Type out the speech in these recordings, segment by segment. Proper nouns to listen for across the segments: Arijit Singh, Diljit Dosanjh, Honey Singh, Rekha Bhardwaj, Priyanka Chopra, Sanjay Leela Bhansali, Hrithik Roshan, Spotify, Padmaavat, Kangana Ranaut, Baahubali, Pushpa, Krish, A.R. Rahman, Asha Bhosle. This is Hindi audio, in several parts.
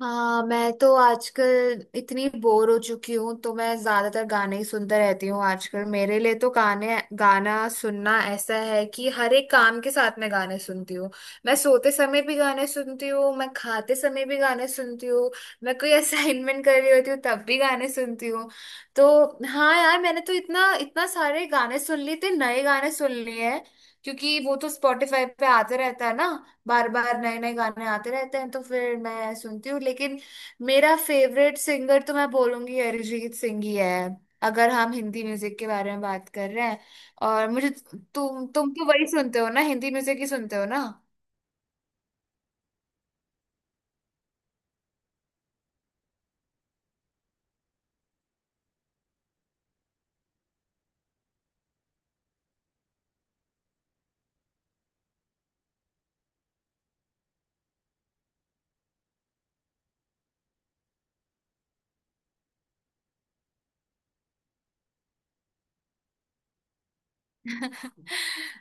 हाँ, मैं तो आजकल इतनी बोर हो चुकी हूँ, तो मैं ज्यादातर गाने ही सुनते रहती हूँ। आजकल मेरे लिए तो गाने गाना सुनना ऐसा है कि हर एक काम के साथ मैं गाने सुनती हूँ। मैं सोते समय भी गाने सुनती हूँ, मैं खाते समय भी गाने सुनती हूँ। मैं कोई असाइनमेंट कर रही होती हूँ तब भी गाने सुनती हूँ। तो हाँ यार, मैंने तो इतना इतना सारे गाने सुन लिए थे, नए गाने सुन लिए हैं, क्योंकि वो तो स्पॉटिफाई पे आते रहता है ना। बार बार नए नए गाने आते रहते हैं, तो फिर मैं सुनती हूँ, लेकिन मेरा फेवरेट सिंगर तो मैं बोलूंगी अरिजीत सिंह ही है, अगर हम हिंदी म्यूजिक के बारे में बात कर रहे हैं। और मुझे, तुम तो वही सुनते हो ना, हिंदी म्यूजिक ही सुनते हो ना।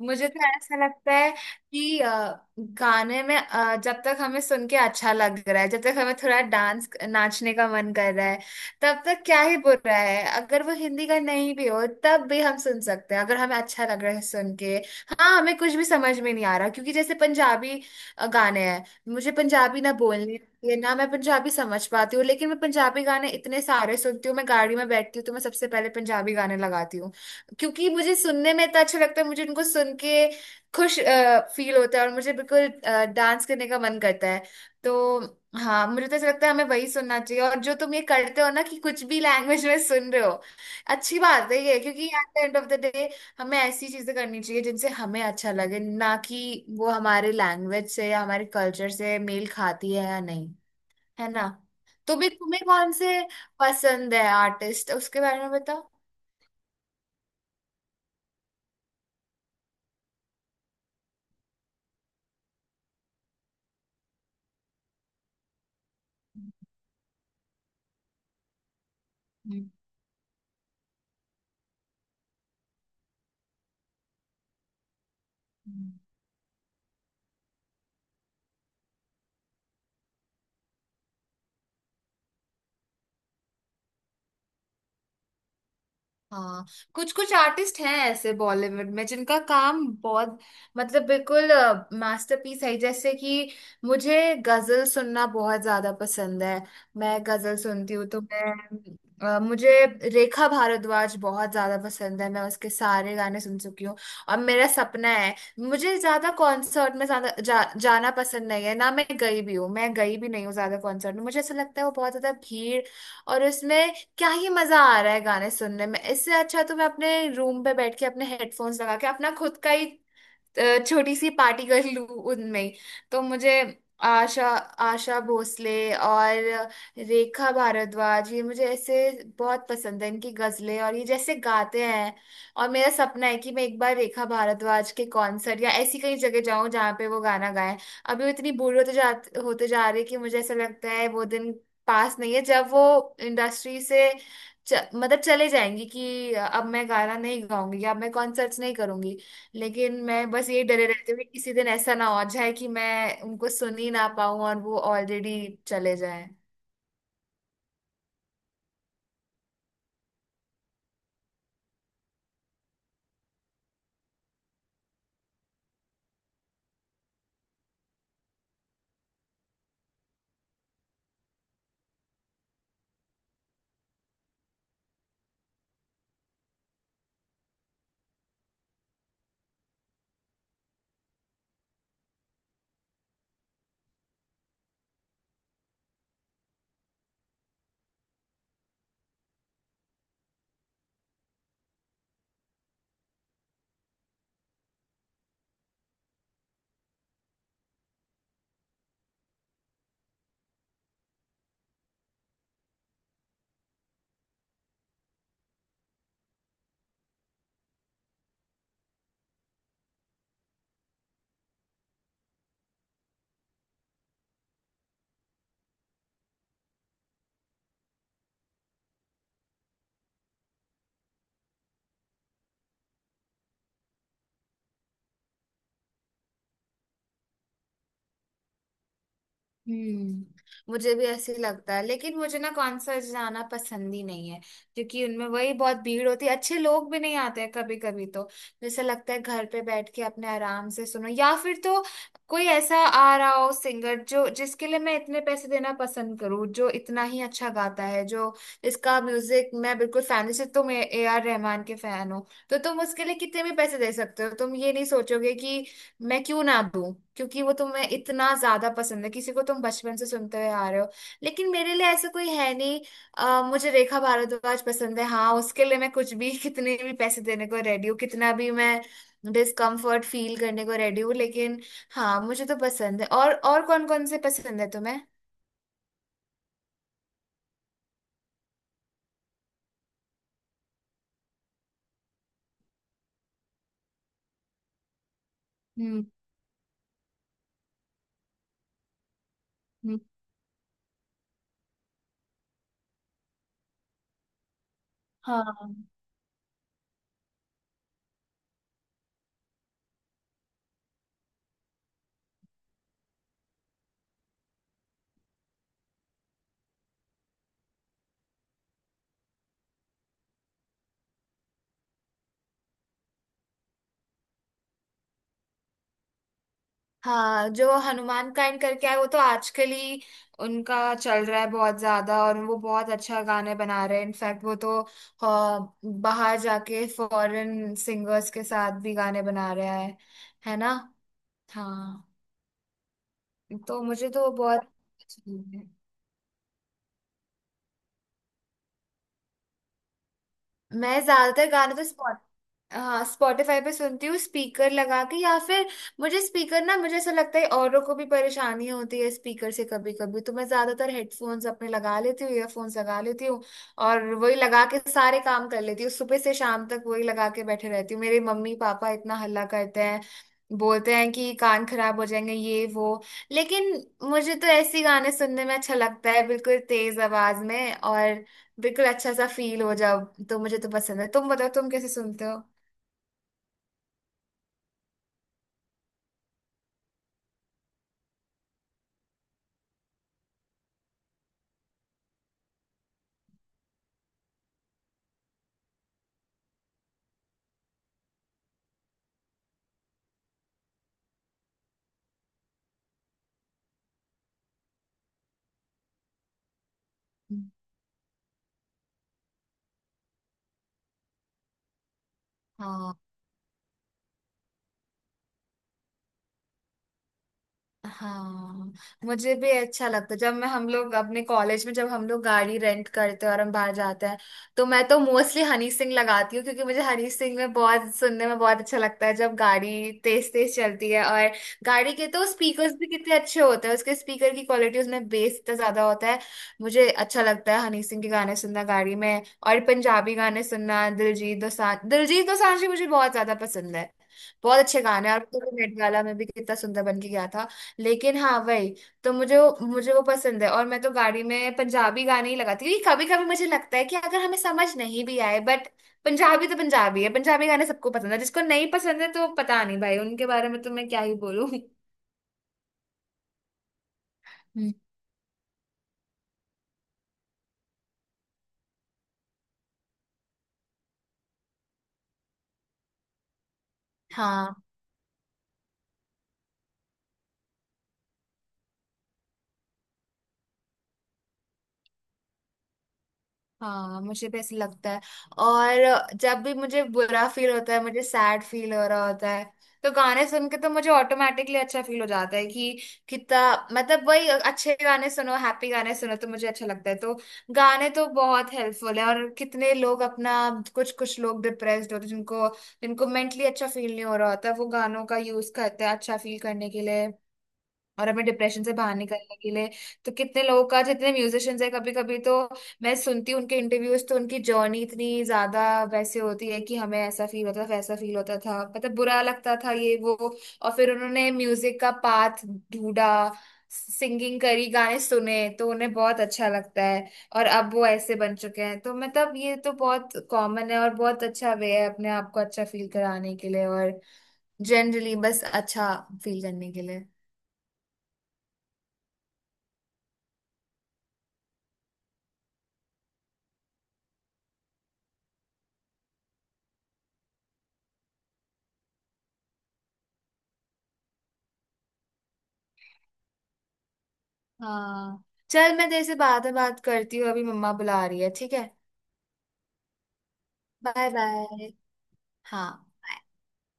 मुझे तो ऐसा लगता है कि गाने में, जब तक हमें सुन के अच्छा लग रहा है, जब तक हमें थोड़ा डांस नाचने का मन कर रहा है, तब तक क्या ही बुरा है अगर वो हिंदी का नहीं भी हो, तब भी हम सुन सकते हैं अगर हमें अच्छा लग रहा है सुन के। हाँ, हमें कुछ भी समझ में नहीं आ रहा, क्योंकि जैसे पंजाबी गाने हैं। मुझे पंजाबी ना बोलने आती है ना मैं पंजाबी समझ पाती हूँ, लेकिन मैं पंजाबी गाने इतने सारे सुनती हूँ। मैं गाड़ी में बैठती हूँ तो मैं सबसे पहले पंजाबी गाने लगाती हूँ, क्योंकि मुझे सुनने में इतना अच्छा लगता है, मुझे उनको सुन के खुश फील होता है, और मुझे बिल्कुल डांस करने का मन करता है। तो हाँ, मुझे तो ऐसा लगता है हमें वही सुनना चाहिए, और जो तुम ये करते हो ना कि कुछ भी लैंग्वेज में सुन रहे हो, अच्छी बात है ये, क्योंकि at the end of the day हमें ऐसी चीजें करनी चाहिए जिनसे हमें अच्छा लगे, ना कि वो हमारे लैंग्वेज से या हमारे कल्चर से मेल खाती है या नहीं। है ना? तुम्हें तुम्हें कौन से पसंद है आर्टिस्ट, उसके बारे में बताओ। हम्म, हाँ, कुछ कुछ आर्टिस्ट हैं ऐसे बॉलीवुड में जिनका काम बहुत, मतलब बिल्कुल मास्टरपीस है, जैसे कि मुझे गजल सुनना बहुत ज्यादा पसंद है। मैं गजल सुनती हूँ तो मुझे रेखा भारद्वाज बहुत ज्यादा पसंद है, मैं उसके सारे गाने सुन चुकी हूँ। और मेरा सपना है, मुझे ज्यादा कॉन्सर्ट में ज्यादा जाना पसंद नहीं है ना। मैं गई भी हूँ, मैं गई भी नहीं हूँ ज्यादा कॉन्सर्ट में, मुझे ऐसा लगता है वो बहुत ज्यादा भीड़, और उसमें क्या ही मजा आ रहा है गाने सुनने में। इससे अच्छा तो मैं अपने रूम पे बैठ के अपने हेडफोन्स लगा के अपना खुद का ही छोटी सी पार्टी कर लूं उनमें ही। तो मुझे आशा आशा भोसले और रेखा भारद्वाज, ये मुझे ऐसे बहुत पसंद है, इनकी गजलें और ये जैसे गाते हैं। और मेरा सपना है कि मैं एक बार रेखा भारद्वाज के कॉन्सर्ट या ऐसी कहीं जगह जाऊं जहाँ पे वो गाना गाएं। अभी वो इतनी बूढ़ी होते जा रही है कि मुझे ऐसा लगता है वो दिन पास नहीं है जब वो इंडस्ट्री से, मतलब, चले जाएंगी, कि अब मैं गाना नहीं गाऊंगी या अब मैं कॉन्सर्ट्स नहीं करूंगी। लेकिन मैं बस यही डरे रहती हूँ कि किसी दिन ऐसा ना हो जाए कि मैं उनको सुन ही ना पाऊं और वो ऑलरेडी चले जाए। मुझे भी ऐसे ही लगता है, लेकिन मुझे ना कॉन्सर्ट जाना पसंद ही नहीं है, क्योंकि उनमें वही बहुत भीड़ होती है, अच्छे लोग भी नहीं आते हैं कभी कभी, तो जैसे लगता है घर पे बैठ के अपने आराम से सुनो, या फिर तो कोई ऐसा आ रहा हो सिंगर जो, जिसके लिए मैं इतने पैसे देना पसंद करूँ, जो इतना ही अच्छा गाता है, जो इसका म्यूजिक, मैं बिल्कुल फैन, जैसे तुम ए आर रहमान के फैन हो, तो तुम उसके लिए कितने भी पैसे दे सकते हो। तुम ये नहीं सोचोगे कि मैं क्यों ना दूं, क्योंकि वो तुम्हें इतना ज्यादा पसंद है, किसी को तुम बचपन से सुनते हुए आ रहे हो। लेकिन मेरे लिए ऐसा कोई है नहीं। मुझे रेखा भारद्वाज पसंद है, हाँ उसके लिए मैं कुछ भी कितने भी पैसे देने को रेडी हूँ, कितना भी मैं डिस्कम्फर्ट फील करने को रेडी हूँ, लेकिन हाँ, मुझे तो पसंद है। और कौन कौन से पसंद है तुम्हें? हम्म, हम्म, हाँ, हाँ, जो हनुमान काइंड करके आए वो तो आजकल ही उनका चल रहा है बहुत ज्यादा, और वो बहुत अच्छा गाने बना रहे हैं। इनफैक्ट वो तो बाहर जाके फॉरेन सिंगर्स के साथ भी गाने बना रहा है ना? हाँ, तो मुझे तो बहुत अच्छे लगे। मैं ज्यादातर गाने तो, हाँ, स्पॉटिफाई पे सुनती हूँ स्पीकर लगा के, या फिर मुझे स्पीकर ना, मुझे ऐसा लगता है औरों को भी परेशानी होती है स्पीकर से कभी कभी, तो मैं ज्यादातर हेडफोन्स अपने लगा लेती हूँ, ईयरफोन्स लगा लेती हूँ, और वही लगा के सारे काम कर लेती हूँ। सुबह से शाम तक वही लगा के बैठे रहती हूँ, मेरे मम्मी पापा इतना हल्ला करते हैं, बोलते हैं कि कान खराब हो जाएंगे ये वो, लेकिन मुझे तो ऐसी गाने सुनने में अच्छा लगता है बिल्कुल तेज आवाज में, और बिल्कुल अच्छा सा फील हो जाओ। तो मुझे तो पसंद है, तुम बताओ तुम कैसे सुनते हो? हाँ, हाँ, मुझे भी अच्छा लगता है जब मैं, हम लोग अपने कॉलेज में जब हम लोग गाड़ी रेंट करते हैं और हम बाहर जाते हैं, तो मैं तो मोस्टली हनी सिंह लगाती हूँ, क्योंकि मुझे हनी सिंह में बहुत, सुनने में बहुत अच्छा लगता है जब गाड़ी तेज तेज चलती है, और गाड़ी के तो स्पीकर्स भी कितने अच्छे होते हैं, उसके स्पीकर की क्वालिटी, उसमें बेस इतना ज्यादा होता है। मुझे अच्छा लगता है हनी सिंह के गाने सुनना गाड़ी में, और पंजाबी गाने सुनना। दिलजीत दोसांझ, दिलजीत दोसांझ भी मुझे बहुत ज्यादा पसंद है, बहुत अच्छे गाने हैं, और वो तो नेट गाला में भी कितना सुंदर बन के गया था। लेकिन हाँ वही, तो मुझे वो पसंद है, और मैं तो गाड़ी में पंजाबी गाने ही लगाती हूँ। कभी कभी मुझे लगता है कि अगर हमें समझ नहीं भी आए बट, पंजाबी तो पंजाबी है, पंजाबी गाने सबको पसंद है, जिसको नहीं पसंद है तो पता नहीं भाई, उनके बारे में तो मैं क्या ही बोलूँ। हम्म। हाँ, हाँ, मुझे भी ऐसे लगता है, और जब भी मुझे बुरा फील होता है, मुझे सैड फील हो रहा होता है, तो गाने सुन के तो मुझे ऑटोमेटिकली अच्छा फील हो जाता है कि कितना, मतलब वही अच्छे गाने सुनो, हैप्पी गाने सुनो तो मुझे अच्छा लगता है। तो गाने तो बहुत हेल्पफुल है, और कितने लोग अपना, कुछ कुछ लोग डिप्रेस्ड होते हैं, जिनको जिनको मेंटली अच्छा फील नहीं हो रहा होता, वो गानों का यूज करते हैं अच्छा फील करने के लिए, और हमें डिप्रेशन से बाहर निकलने के लिए। तो कितने लोगों का, जितने म्यूजिशियंस है, कभी कभी तो मैं सुनती हूँ उनके इंटरव्यूज, तो उनकी जर्नी इतनी ज्यादा वैसे होती है कि हमें ऐसा फील होता था, वैसा फील होता था, मतलब बुरा लगता था ये वो, और फिर उन्होंने म्यूजिक का पाथ ढूंढा, सिंगिंग करी, गाने सुने तो उन्हें बहुत अच्छा लगता है, और अब वो ऐसे बन चुके हैं। तो मतलब ये तो बहुत कॉमन है, और बहुत अच्छा वे है अपने आप को अच्छा फील कराने के लिए, और जनरली बस अच्छा फील करने के लिए। हाँ, चल मैं तेरे से बाद में बात करती हूँ, अभी मम्मा बुला रही है, ठीक है? Bye bye. हाँ।